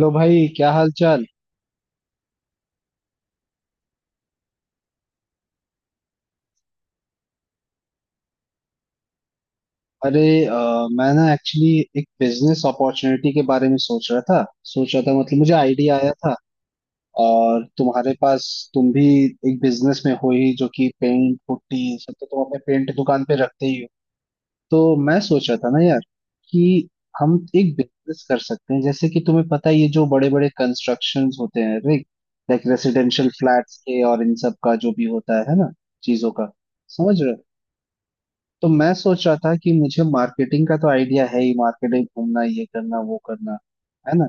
लो भाई क्या हाल चाल। अरे मैं ना एक्चुअली एक बिजनेस अपॉर्चुनिटी के बारे में सोच रहा था। सोच रहा था मतलब मुझे आइडिया आया था। और तुम्हारे पास तुम भी एक बिजनेस में हो ही जो कि पेंट पुट्टी ये सब तो तुम अपने पेंट दुकान पे रखते ही हो। तो मैं सोच रहा था ना यार कि हम एक बिजनेस कर सकते हैं, जैसे कि तुम्हें पता है ये जो बड़े बड़े कंस्ट्रक्शंस होते हैं, लाइक रेसिडेंशियल फ्लैट्स के और इन सब का जो भी होता है ना, चीजों का। समझ रहे हो? तो मैं सोच रहा था कि मुझे मार्केटिंग का तो आइडिया है ही, मार्केटिंग, घूमना, ये करना वो करना, है ना।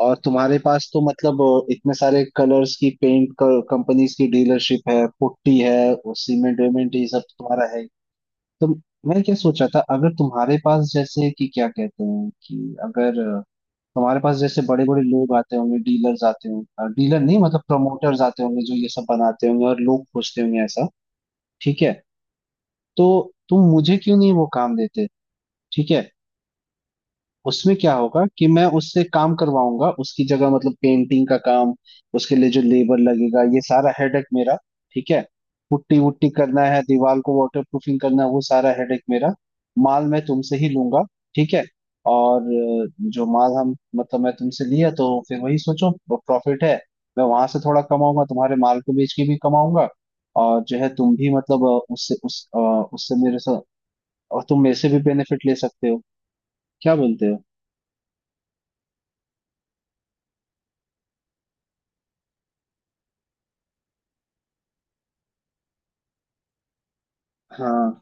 और तुम्हारे पास तो मतलब इतने सारे कलर्स की पेंट कंपनीज की डीलरशिप है, पुट्टी है और सीमेंट वेमेंट ये सब तुम्हारा है ही। तो मैं क्या सोच रहा था, अगर तुम्हारे पास जैसे कि क्या कहते हैं कि, अगर तुम्हारे पास जैसे बड़े बड़े लोग आते होंगे, डीलर्स आते होंगे, डीलर नहीं मतलब प्रमोटर्स आते होंगे जो ये सब बनाते होंगे और लोग खोजते होंगे ऐसा। ठीक है। तो तुम मुझे क्यों नहीं वो काम देते। ठीक है। उसमें क्या होगा कि मैं उससे काम करवाऊंगा उसकी जगह, मतलब पेंटिंग का काम, उसके लिए जो लेबर लगेगा, ये सारा हेडेक मेरा। ठीक है। पुट्टी वुट्टी करना है, दीवार को वाटर प्रूफिंग करना है, वो सारा हेडेक मेरा। माल मैं तुमसे ही लूंगा। ठीक है। और जो माल हम मतलब मैं तुमसे लिया तो फिर वही सोचो, प्रॉफिट है। मैं वहां से थोड़ा कमाऊंगा, तुम्हारे माल को बेच के भी कमाऊंगा। और जो है तुम भी मतलब उससे उस उससे मेरे साथ। और तुम मेरे से भी बेनिफिट ले सकते हो। क्या बोलते हो। हाँ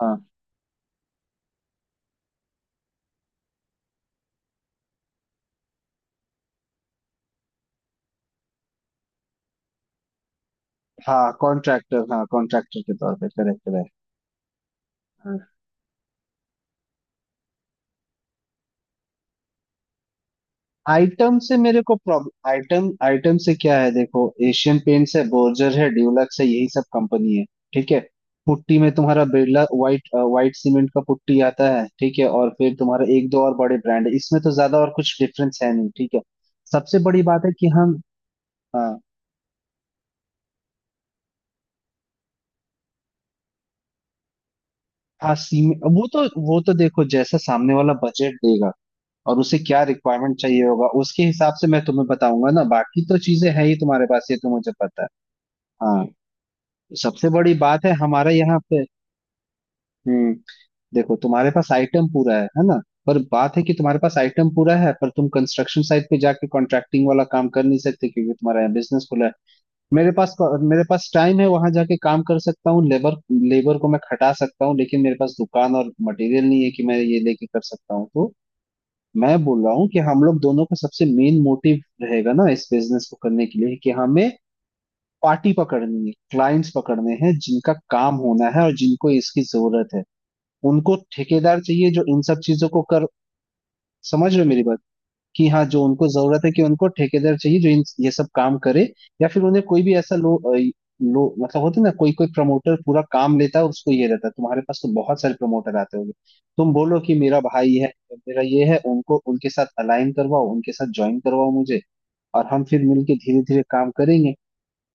हाँ हाँ कॉन्ट्रैक्टर, हाँ कॉन्ट्रैक्टर के तौर पे, करेक्ट करेक्ट। हाँ, आइटम से मेरे को प्रॉब्लम, आइटम आइटम से क्या है, देखो। एशियन पेंट्स है, बोर्जर है, ड्यूलक्स है, यही सब कंपनी है। ठीक है। पुट्टी में तुम्हारा बिरला व्हाइट, व्हाइट सीमेंट का पुट्टी आता है, ठीक है, और फिर तुम्हारा एक दो और बड़े ब्रांड है, इसमें तो ज्यादा और कुछ डिफरेंस है नहीं। ठीक है। सबसे बड़ी बात है कि हम, हाँ हाँ, सीमेंट वो तो देखो जैसा सामने वाला बजट देगा और उसे क्या रिक्वायरमेंट चाहिए होगा, उसके हिसाब से मैं तुम्हें बताऊंगा ना, बाकी तो चीजें हैं ही तुम्हारे पास, ये तो मुझे पता है। हाँ, सबसे बड़ी बात है हमारा यहाँ पे। हम्म देखो, तुम्हारे पास आइटम पूरा है ना, पर बात है कि तुम्हारे पास आइटम पूरा है, पर तुम कंस्ट्रक्शन साइट पे जाके कॉन्ट्रैक्टिंग वाला काम कर नहीं सकते क्योंकि तुम्हारा यहाँ बिजनेस खुला है। मेरे पास मेरे पास टाइम है, वहां जाके काम कर सकता हूँ, लेबर लेबर को मैं खटा सकता हूँ, लेकिन मेरे पास दुकान और मटेरियल नहीं है कि मैं ये लेके कर सकता हूँ। तो मैं बोल रहा हूँ कि हम लोग दोनों का सबसे मेन मोटिव रहेगा ना इस बिजनेस को करने के लिए कि हमें पार्टी पकड़नी है, क्लाइंट्स पकड़ने हैं, जिनका काम होना है और जिनको इसकी जरूरत है। उनको ठेकेदार चाहिए जो इन सब चीजों को कर। समझ रहे हो मेरी बात, कि हाँ जो उनको जरूरत है कि उनको ठेकेदार चाहिए जो इन ये सब काम करे। या फिर उन्हें कोई भी ऐसा लो, लो मतलब होते ना कोई कोई प्रमोटर पूरा काम लेता है और उसको ये रहता है, तुम्हारे पास तो बहुत सारे प्रमोटर आते होंगे। तुम बोलो कि मेरा भाई है, मेरा ये है, उनको उनके साथ अलाइन करवाओ, उनके साथ ज्वाइन करवाओ मुझे। और हम फिर मिलके धीरे धीरे काम करेंगे।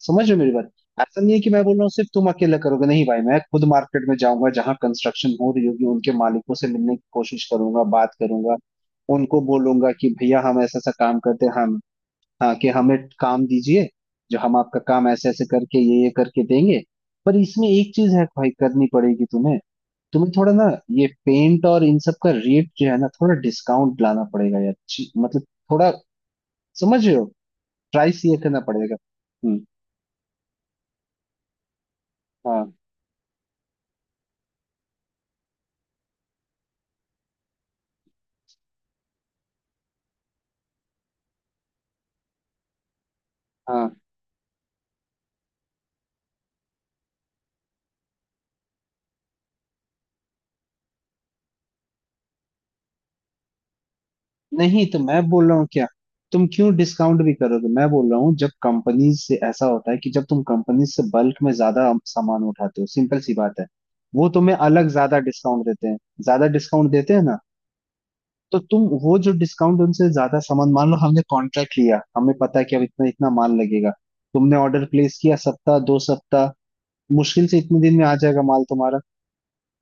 समझ रहे हो मेरी बात। ऐसा नहीं है कि मैं बोल रहा हूँ सिर्फ तुम अकेले करोगे, नहीं भाई, मैं खुद मार्केट में जाऊंगा जहां कंस्ट्रक्शन हो रही होगी, उनके मालिकों से मिलने की कोशिश करूंगा, बात करूंगा। उनको बोलूंगा कि भैया हम ऐसा ऐसा काम करते हैं हम, हाँ, कि हमें काम दीजिए, जो हम आपका काम ऐसे ऐसे करके, ये करके देंगे। पर इसमें एक चीज है भाई, करनी पड़ेगी तुम्हें। तुम्हें थोड़ा ना, ये पेंट और इन सब का रेट जो है ना, थोड़ा डिस्काउंट लाना पड़ेगा यार, मतलब थोड़ा, समझ रहे हो, प्राइस ये करना पड़ेगा। हम्म। हाँ हाँ। नहीं तो मैं बोल रहा हूँ क्या, तुम क्यों डिस्काउंट भी करोगे, मैं बोल रहा हूँ जब कंपनी से ऐसा होता है कि जब तुम कंपनी से बल्क में ज्यादा सामान उठाते हो, सिंपल सी बात है। वो तुम्हें अलग ज्यादा डिस्काउंट देते हैं, ज्यादा डिस्काउंट देते हैं ना। तो तुम वो जो डिस्काउंट उनसे ज्यादा सामान, मान लो हमने कॉन्ट्रैक्ट लिया, हमें पता है कि अब इतना इतना माल लगेगा, तुमने ऑर्डर प्लेस किया, सप्ताह 2 सप्ताह मुश्किल से इतने दिन में आ जाएगा माल तुम्हारा,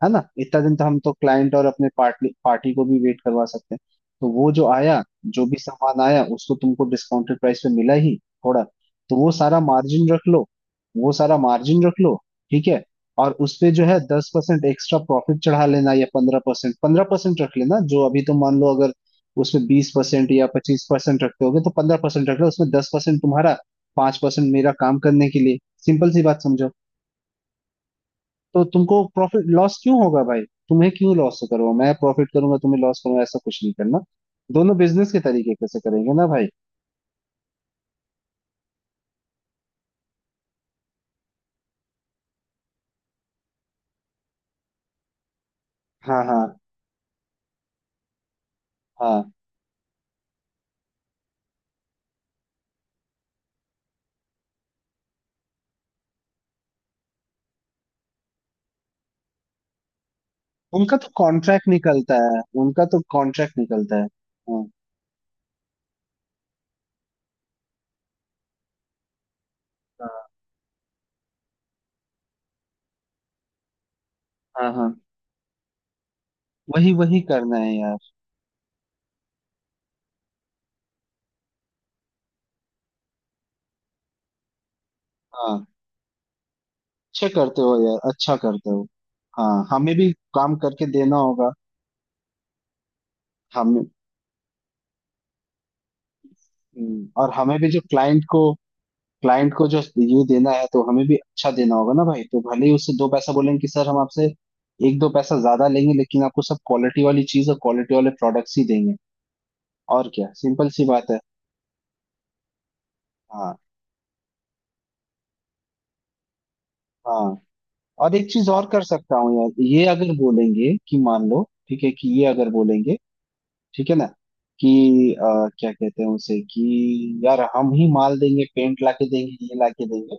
है ना। इतना दिन तो हम तो क्लाइंट और अपने पार्टी पार्टी को भी वेट करवा सकते हैं। तो वो जो आया, जो भी सामान आया उसको तुमको डिस्काउंटेड प्राइस पे मिला ही थोड़ा, तो वो सारा मार्जिन रख लो, वो सारा मार्जिन रख लो। ठीक है। और उस पे जो है 10% एक्स्ट्रा प्रॉफिट चढ़ा लेना या 15%, 15% रख लेना, जो अभी तुम, मान लो अगर उसमें 20% या 25% रखते होगे तो 15% रख लो उसमें, 10% तुम्हारा, 5% मेरा काम करने के लिए। सिंपल सी बात समझो। तो तुमको प्रॉफिट लॉस क्यों होगा भाई। तुम्हें क्यों लॉस करूंगा, मैं प्रॉफिट करूंगा तुम्हें लॉस करूंगा, ऐसा कुछ नहीं करना। दोनों बिजनेस के तरीके कैसे करेंगे ना भाई। हाँ हाँ हाँ। उनका तो कॉन्ट्रैक्ट निकलता है, उनका तो कॉन्ट्रैक्ट निकलता है। हाँ हाँ हाँ हाँ। वही वही करना है यार। हाँ, अच्छे करते हो यार, अच्छा करते हो। हाँ, हमें भी काम करके देना होगा। हमें और हमें भी जो क्लाइंट को, क्लाइंट को जो रिव्यू देना है तो हमें भी अच्छा देना होगा ना भाई, तो भले ही उससे दो पैसा बोलेंगे कि सर हम आपसे एक दो पैसा ज्यादा लेंगे लेकिन आपको सब क्वालिटी वाली चीज और क्वालिटी वाले प्रोडक्ट्स ही देंगे। और क्या, सिंपल सी बात है। हाँ हाँ। और एक चीज और कर सकता हूँ यार, ये अगर बोलेंगे कि, मान लो, ठीक है, कि ये अगर बोलेंगे, ठीक है ना, कि क्या कहते हैं उसे कि यार हम ही माल देंगे, पेंट लाके देंगे, ये लाके देंगे,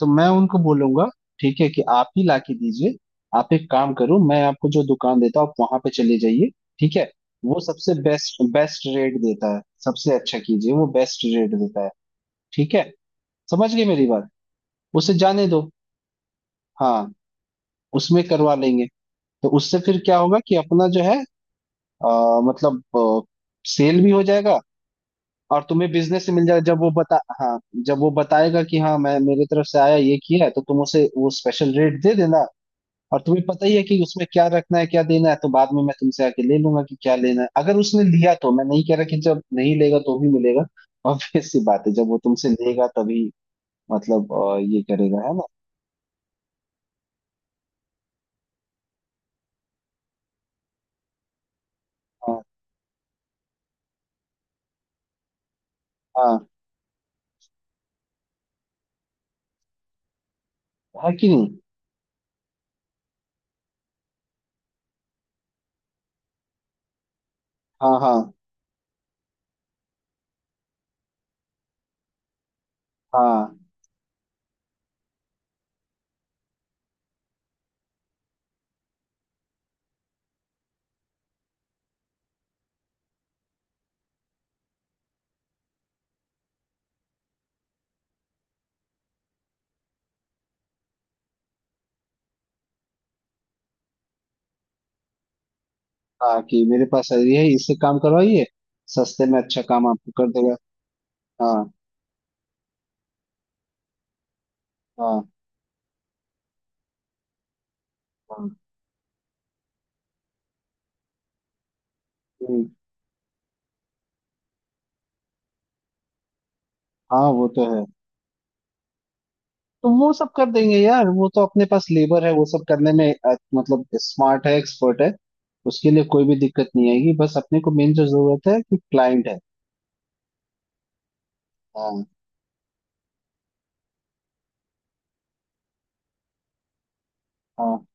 तो मैं उनको बोलूंगा ठीक है कि आप ही लाके दीजिए, आप एक काम करो, मैं आपको जो दुकान देता हूँ आप वहां पे चले जाइए। ठीक है। वो सबसे बेस्ट, बेस्ट रेट देता है, सबसे अच्छा कीजिए, वो बेस्ट रेट देता है। ठीक है। समझ गए मेरी बात। उसे जाने दो। हाँ उसमें करवा लेंगे। तो उससे फिर क्या होगा कि अपना जो है अ, मतलब सेल भी हो जाएगा। और तुम्हें बिजनेस से मिल जाएगा। जब वो बता हाँ, जब वो बताएगा कि हाँ मैं मेरे तरफ से आया ये किया है, तो तुम उसे वो स्पेशल रेट दे देना। और तुम्हें पता ही है कि उसमें क्या रखना है क्या देना है, तो बाद में मैं तुमसे आके ले लूंगा कि क्या लेना है, अगर उसने लिया तो। मैं नहीं कह रहा कि जब नहीं लेगा तो भी मिलेगा, ऑब्वियस सी बात है जब वो तुमसे लेगा तभी, मतलब ये करेगा, है ना। हाँ हाँ, है कि नहीं। हाँ हाँ हाँ हाँ, कि मेरे पास ये है, इससे काम करवाइए, सस्ते में अच्छा काम आपको कर देगा। हाँ हाँ हाँ। हम्म, हाँ वो तो है। तो वो सब कर देंगे यार, वो तो अपने पास लेबर है, वो सब करने में मतलब स्मार्ट है, एक्सपर्ट है। उसके लिए कोई भी दिक्कत नहीं आएगी, बस अपने को मेन जो जरूरत है कि क्लाइंट है। हाँ हाँ।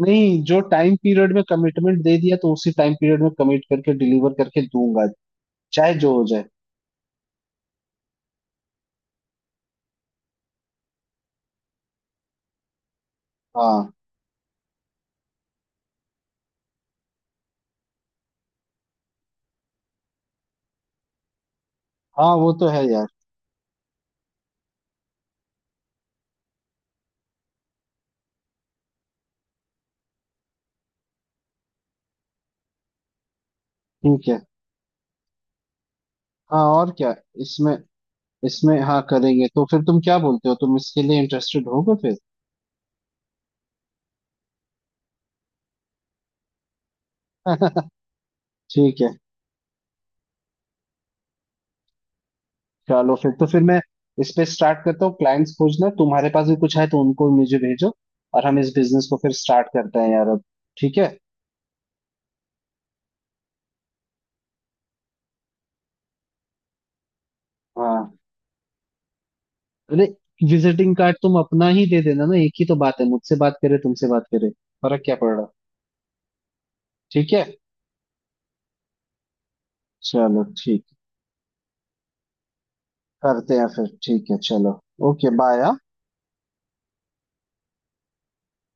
नहीं जो टाइम पीरियड में कमिटमेंट दे दिया तो उसी टाइम पीरियड में कमिट करके डिलीवर करके दूंगा, चाहे जो हो जाए। हाँ, हाँ वो तो है यार। ठीक है। हाँ और क्या। इसमें इसमें हाँ करेंगे तो फिर तुम क्या बोलते हो, तुम इसके लिए इंटरेस्टेड होगे फिर। ठीक है। चलो फिर, तो फिर मैं इस पे स्टार्ट करता हूँ क्लाइंट्स खोजना, तुम्हारे पास भी कुछ है तो उनको मुझे भेजो, और हम इस बिजनेस को फिर स्टार्ट करते हैं यार अब। ठीक है। हाँ अरे, विजिटिंग कार्ड तुम अपना ही दे देना ना, एक ही तो बात है, मुझसे बात करे तुमसे बात करे, फर्क क्या पड़ रहा। ठीक है। चलो ठीक, करते हैं फिर, ठीक है चलो। Okay bye.